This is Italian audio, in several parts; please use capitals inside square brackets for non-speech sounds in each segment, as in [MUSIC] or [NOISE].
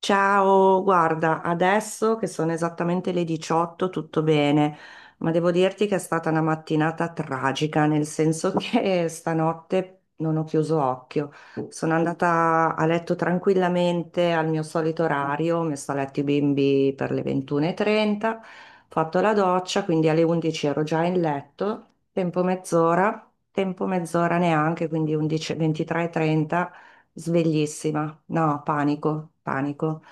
Ciao, guarda, adesso che sono esattamente le 18, tutto bene, ma devo dirti che è stata una mattinata tragica, nel senso che [LAUGHS] stanotte non ho chiuso occhio. Sono andata a letto tranquillamente al mio solito orario, ho messo a letto i bimbi per le 21.30, ho fatto la doccia, quindi alle 11 ero già in letto, tempo mezz'ora neanche, quindi 11, 23.30, sveglissima, no, panico, panico.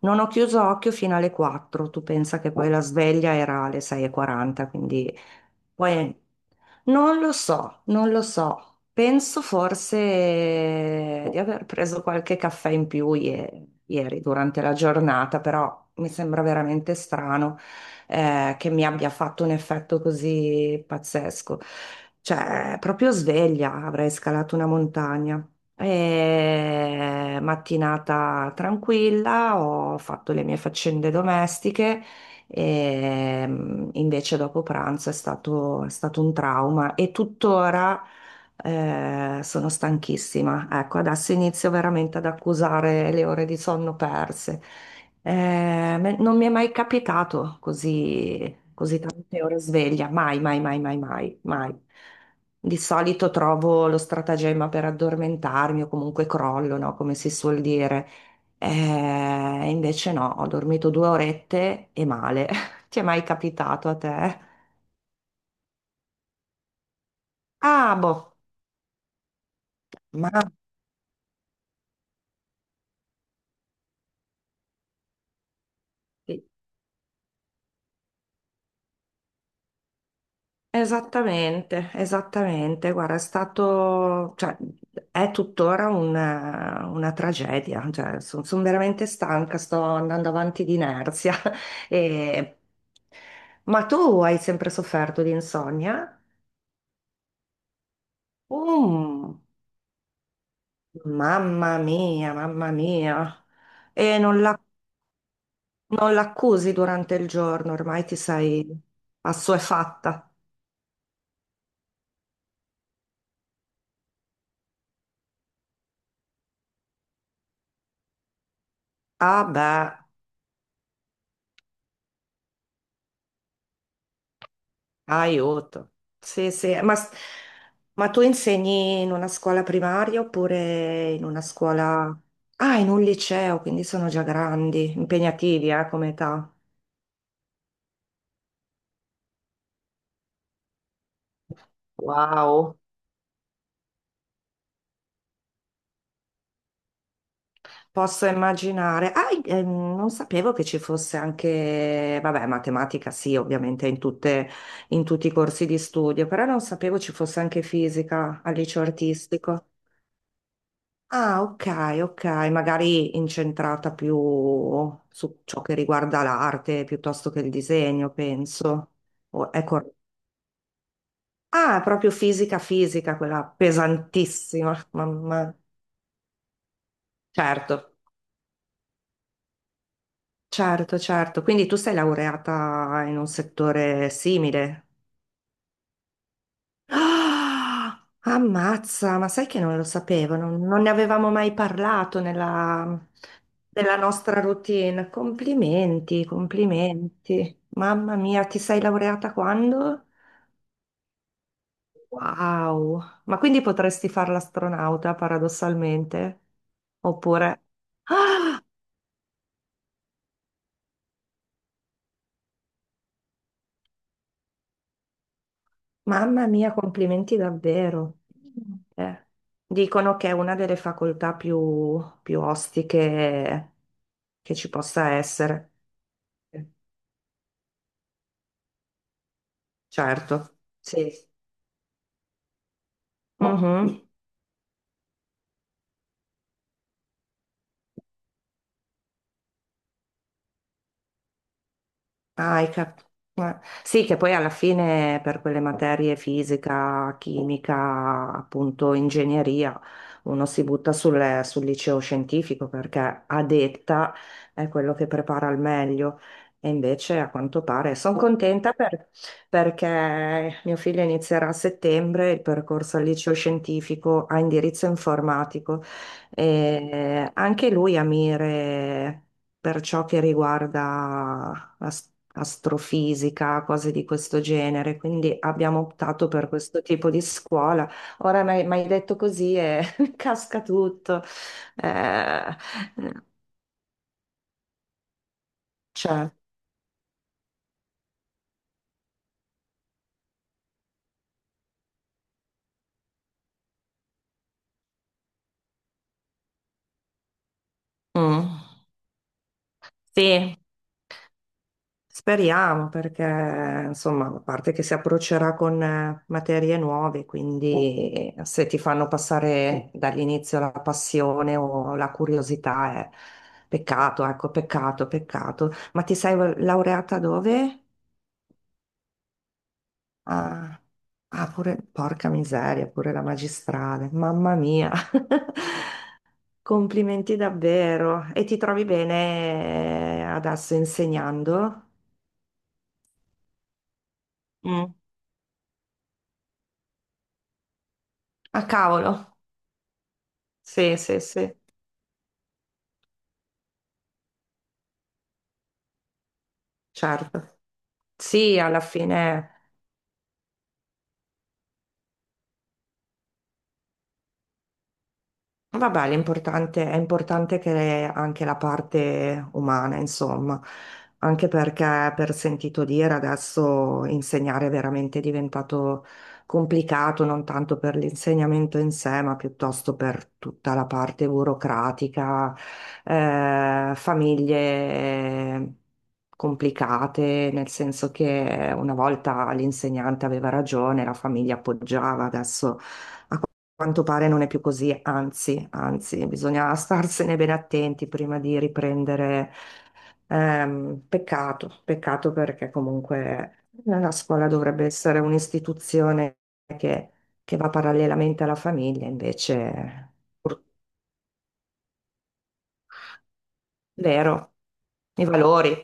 Non ho chiuso occhio fino alle 4, tu pensa che poi la sveglia era alle 6.40, quindi poi non lo so, non lo so. Penso forse di aver preso qualche caffè in più ieri durante la giornata, però mi sembra veramente strano che mi abbia fatto un effetto così pazzesco. Cioè, proprio sveglia, avrei scalato una montagna. E mattinata tranquilla, ho fatto le mie faccende domestiche e invece dopo pranzo è stato un trauma e tuttora. Sono stanchissima. Ecco, adesso inizio veramente ad accusare le ore di sonno perse. Non mi è mai capitato così, così tante ore sveglia, mai, mai, mai, mai, mai, mai. Di solito trovo lo stratagemma per addormentarmi o comunque crollo, no? Come si suol dire. Invece no, ho dormito 2 orette e male. [LAUGHS] Ti è mai capitato a te? Ah, boh, ma sì. Esattamente, esattamente. Guarda, è stato, cioè, è tuttora una tragedia. Cioè, sono veramente stanca, sto andando avanti di inerzia. [LAUGHS] E- Ma tu hai sempre sofferto di insonnia? Mm, mamma mia, mamma mia. E non l'accusi durante il giorno, ormai ti sei assuefatta. Ah, beh. Aiuto. Sì, sì, ma tu insegni in una scuola primaria oppure in una scuola. Ah, in un liceo, quindi sono già grandi, impegnativi, come età. Wow. Posso immaginare. Ah, non sapevo che ci fosse anche, vabbè, matematica sì, ovviamente in tutti i corsi di studio, però non sapevo ci fosse anche fisica al liceo artistico. Ah, ok, ok, magari incentrata più su ciò che riguarda l'arte piuttosto che il disegno, penso. O- è cor- Ah, è proprio fisica, fisica, quella pesantissima, mamma. Certo, certo, certo. Quindi tu sei laureata in un settore simile? Ah, ammazza, ma sai che non lo sapevo, non ne avevamo mai parlato nella nostra routine. Complimenti, complimenti. Mamma mia, ti sei laureata quando? Wow, ma quindi potresti fare l'astronauta paradossalmente? Oppure. Ah, mamma mia, complimenti davvero. Eh, dicono che è una delle facoltà più ostiche che ci possa essere. Certo, sì. Ma. Mhm. Ah, eh. Sì, che poi alla fine per quelle materie fisica, chimica, appunto ingegneria, uno si butta sul liceo scientifico perché a detta è quello che prepara al meglio. E invece a quanto pare sono contenta perché mio figlio inizierà a settembre il percorso al liceo scientifico a indirizzo informatico e anche lui ha mire per ciò che riguarda astrofisica, cose di questo genere, quindi abbiamo optato per questo tipo di scuola. Ora mi hai detto così e [LAUGHS] casca tutto. Eh, cioè, mm, sì. Speriamo perché, insomma, a parte che si approccerà con materie nuove, quindi se ti fanno passare dall'inizio la passione o la curiosità è peccato, ecco, peccato, peccato. Ma ti sei laureata dove? Ah, ah, pure, porca miseria, pure la magistrale, mamma mia. [LAUGHS] Complimenti davvero. E ti trovi bene adesso insegnando? Mm. Ah, cavolo. Sì, sì, sì. Certo. Sì, alla fine. Vabbè, l'importante è importante che anche la parte umana, insomma, anche perché per sentito dire adesso insegnare è veramente diventato complicato, non tanto per l'insegnamento in sé, ma piuttosto per tutta la parte burocratica, famiglie complicate, nel senso che una volta l'insegnante aveva ragione, la famiglia appoggiava, adesso quanto pare non è più così, anzi, anzi, bisogna starsene bene attenti prima di riprendere. Peccato perché comunque la scuola dovrebbe essere un'istituzione che, che va parallelamente alla famiglia, invece, pur- vero, i valori,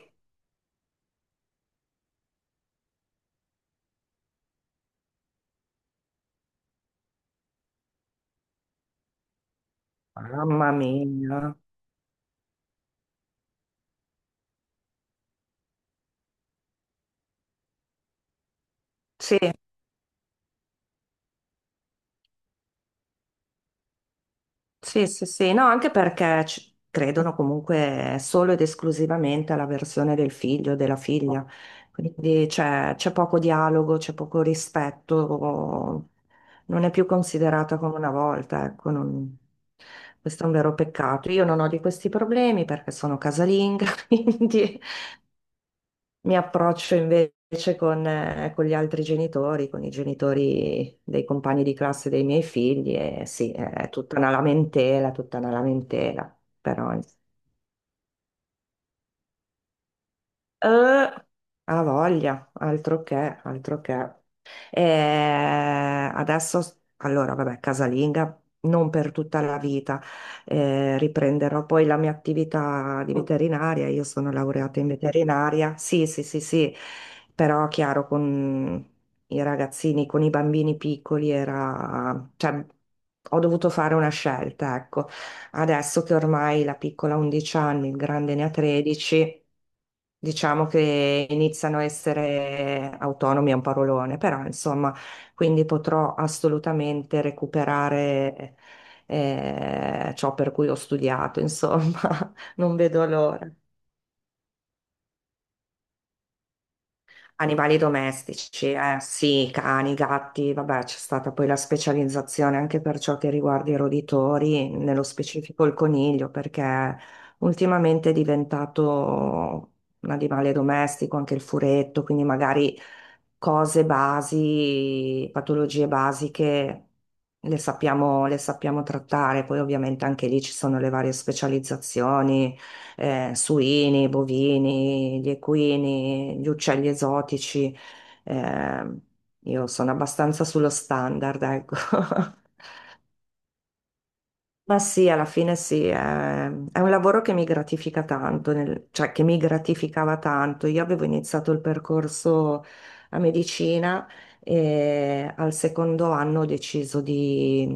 mamma mia, sì. Sì, sì, sì, no, anche perché ci credono comunque solo ed esclusivamente alla versione del figlio o della figlia, quindi c'è poco dialogo, c'è poco rispetto, non è più considerata come una volta, ecco, questo è un vero peccato. Io non ho di questi problemi perché sono casalinga, [LAUGHS] quindi mi approccio invece con gli altri genitori, con i genitori dei compagni di classe dei miei figli e sì, è tutta una lamentela, però ha voglia, altro che, altro che. E adesso, allora, vabbè, casalinga. Non per tutta la vita, riprenderò poi la mia attività di veterinaria. Io sono laureata in veterinaria. Sì, sì, sì, sì, però chiaro, con i ragazzini, con i bambini piccoli era, cioè, ho dovuto fare una scelta, ecco. Adesso che ormai la piccola ha 11 anni, il grande ne ha 13. Diciamo che iniziano a essere autonomi, è un parolone, però insomma, quindi potrò assolutamente recuperare ciò per cui ho studiato, insomma, [LAUGHS] non vedo l'ora. Animali domestici, sì, cani, gatti, vabbè, c'è stata poi la specializzazione anche per ciò che riguarda i roditori, nello specifico il coniglio, perché ultimamente è diventato un animale domestico, anche il furetto, quindi magari cose basi, patologie basiche le sappiamo trattare, poi ovviamente anche lì ci sono le varie specializzazioni suini, bovini, gli equini, gli uccelli esotici. Eh, io sono abbastanza sullo standard, ecco. [LAUGHS] Ma sì, alla fine sì, è un lavoro che mi gratifica tanto, cioè che mi gratificava tanto. Io avevo iniziato il percorso a medicina e al secondo anno ho deciso di,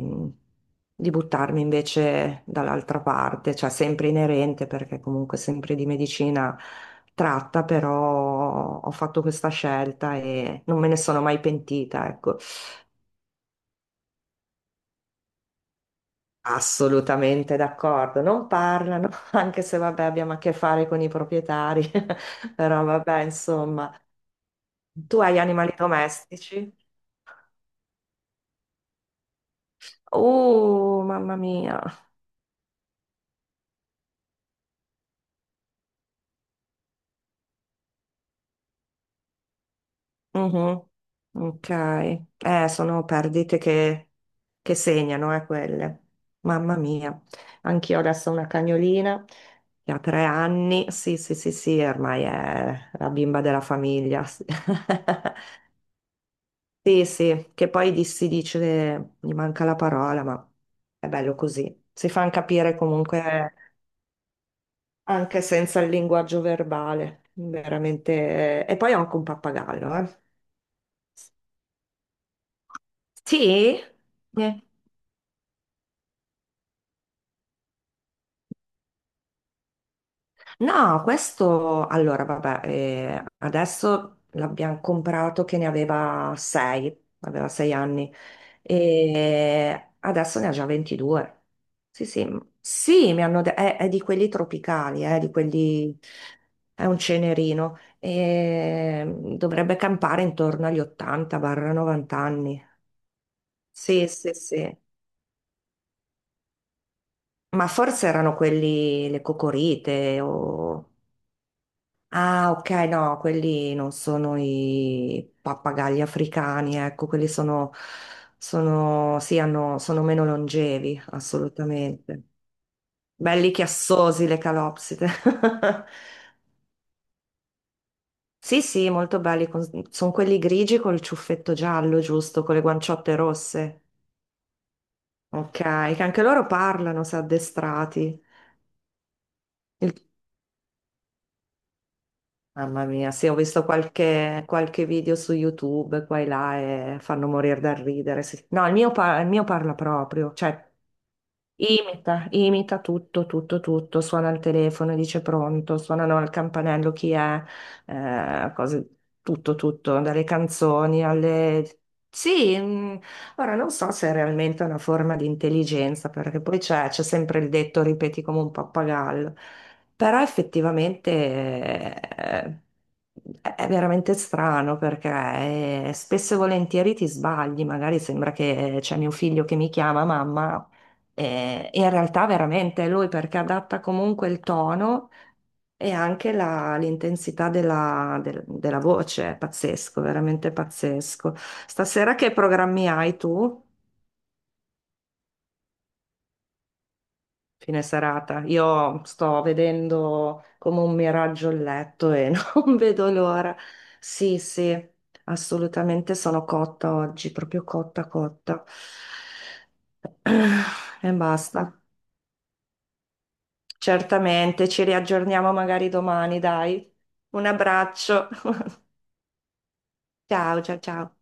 di buttarmi invece dall'altra parte, cioè sempre inerente perché comunque sempre di medicina tratta, però ho fatto questa scelta e non me ne sono mai pentita, ecco. Assolutamente d'accordo, non parlano, [LAUGHS] anche se vabbè abbiamo a che fare con i proprietari, [LAUGHS] però vabbè insomma, tu hai animali domestici? Mamma mia. Mhm. Ok, sono perdite che segnano, quelle, mamma mia, anch'io adesso ho una cagnolina che ha 3 anni, sì sì sì sì, ormai è la bimba della famiglia. [LAUGHS] Sì, sì, che poi si dice, gli manca la parola, ma è bello così. Si fanno capire comunque anche senza il linguaggio verbale, veramente. E poi ho anche un pappagallo, eh. Sì? Eh. No, questo allora, vabbè, adesso l'abbiamo comprato che ne aveva 6, aveva 6 anni e adesso ne ha già 22. Sì, sì, sì, mi hanno detto, è di quelli tropicali, di quelli, è un cenerino e dovrebbe campare intorno agli 80-90 anni. Sì, sì, sì, ma forse erano quelli, le cocorite o. Ah, ok, no, quelli non sono i pappagalli africani, ecco, quelli sì, hanno, sono meno longevi, assolutamente. Belli chiassosi le calopsite. [LAUGHS] Sì, sì, molto belli, sono quelli grigi col ciuffetto giallo, giusto, con le guanciotte rosse. Ok, che anche loro parlano, se addestrati. Il- Mamma mia, sì, ho visto qualche video su YouTube qua e là e fanno morire dal ridere. Sì. No, il mio parla proprio, cioè imita, imita tutto, tutto, tutto, suona il telefono, dice pronto, suonano al campanello chi è, cose, tutto, tutto, dalle canzoni alle. Sì, ora non so se è realmente una forma di intelligenza, perché poi c'è sempre il detto ripeti come un pappagallo, però effettivamente è veramente strano perché spesso e volentieri ti sbagli, magari sembra che c'è mio figlio che mi chiama mamma e in realtà veramente è lui perché adatta comunque il tono e anche l'intensità della voce, è pazzesco, veramente pazzesco. Stasera che programmi hai tu? Fine serata. Io sto vedendo come un miraggio il letto e [LAUGHS] non vedo l'ora. Sì, sì, assolutamente sono cotta oggi, proprio cotta, cotta. [CLEARS THROAT] E basta. Certamente, ci riaggiorniamo magari domani, dai. Un abbraccio. [LAUGHS] Ciao, ciao, ciao.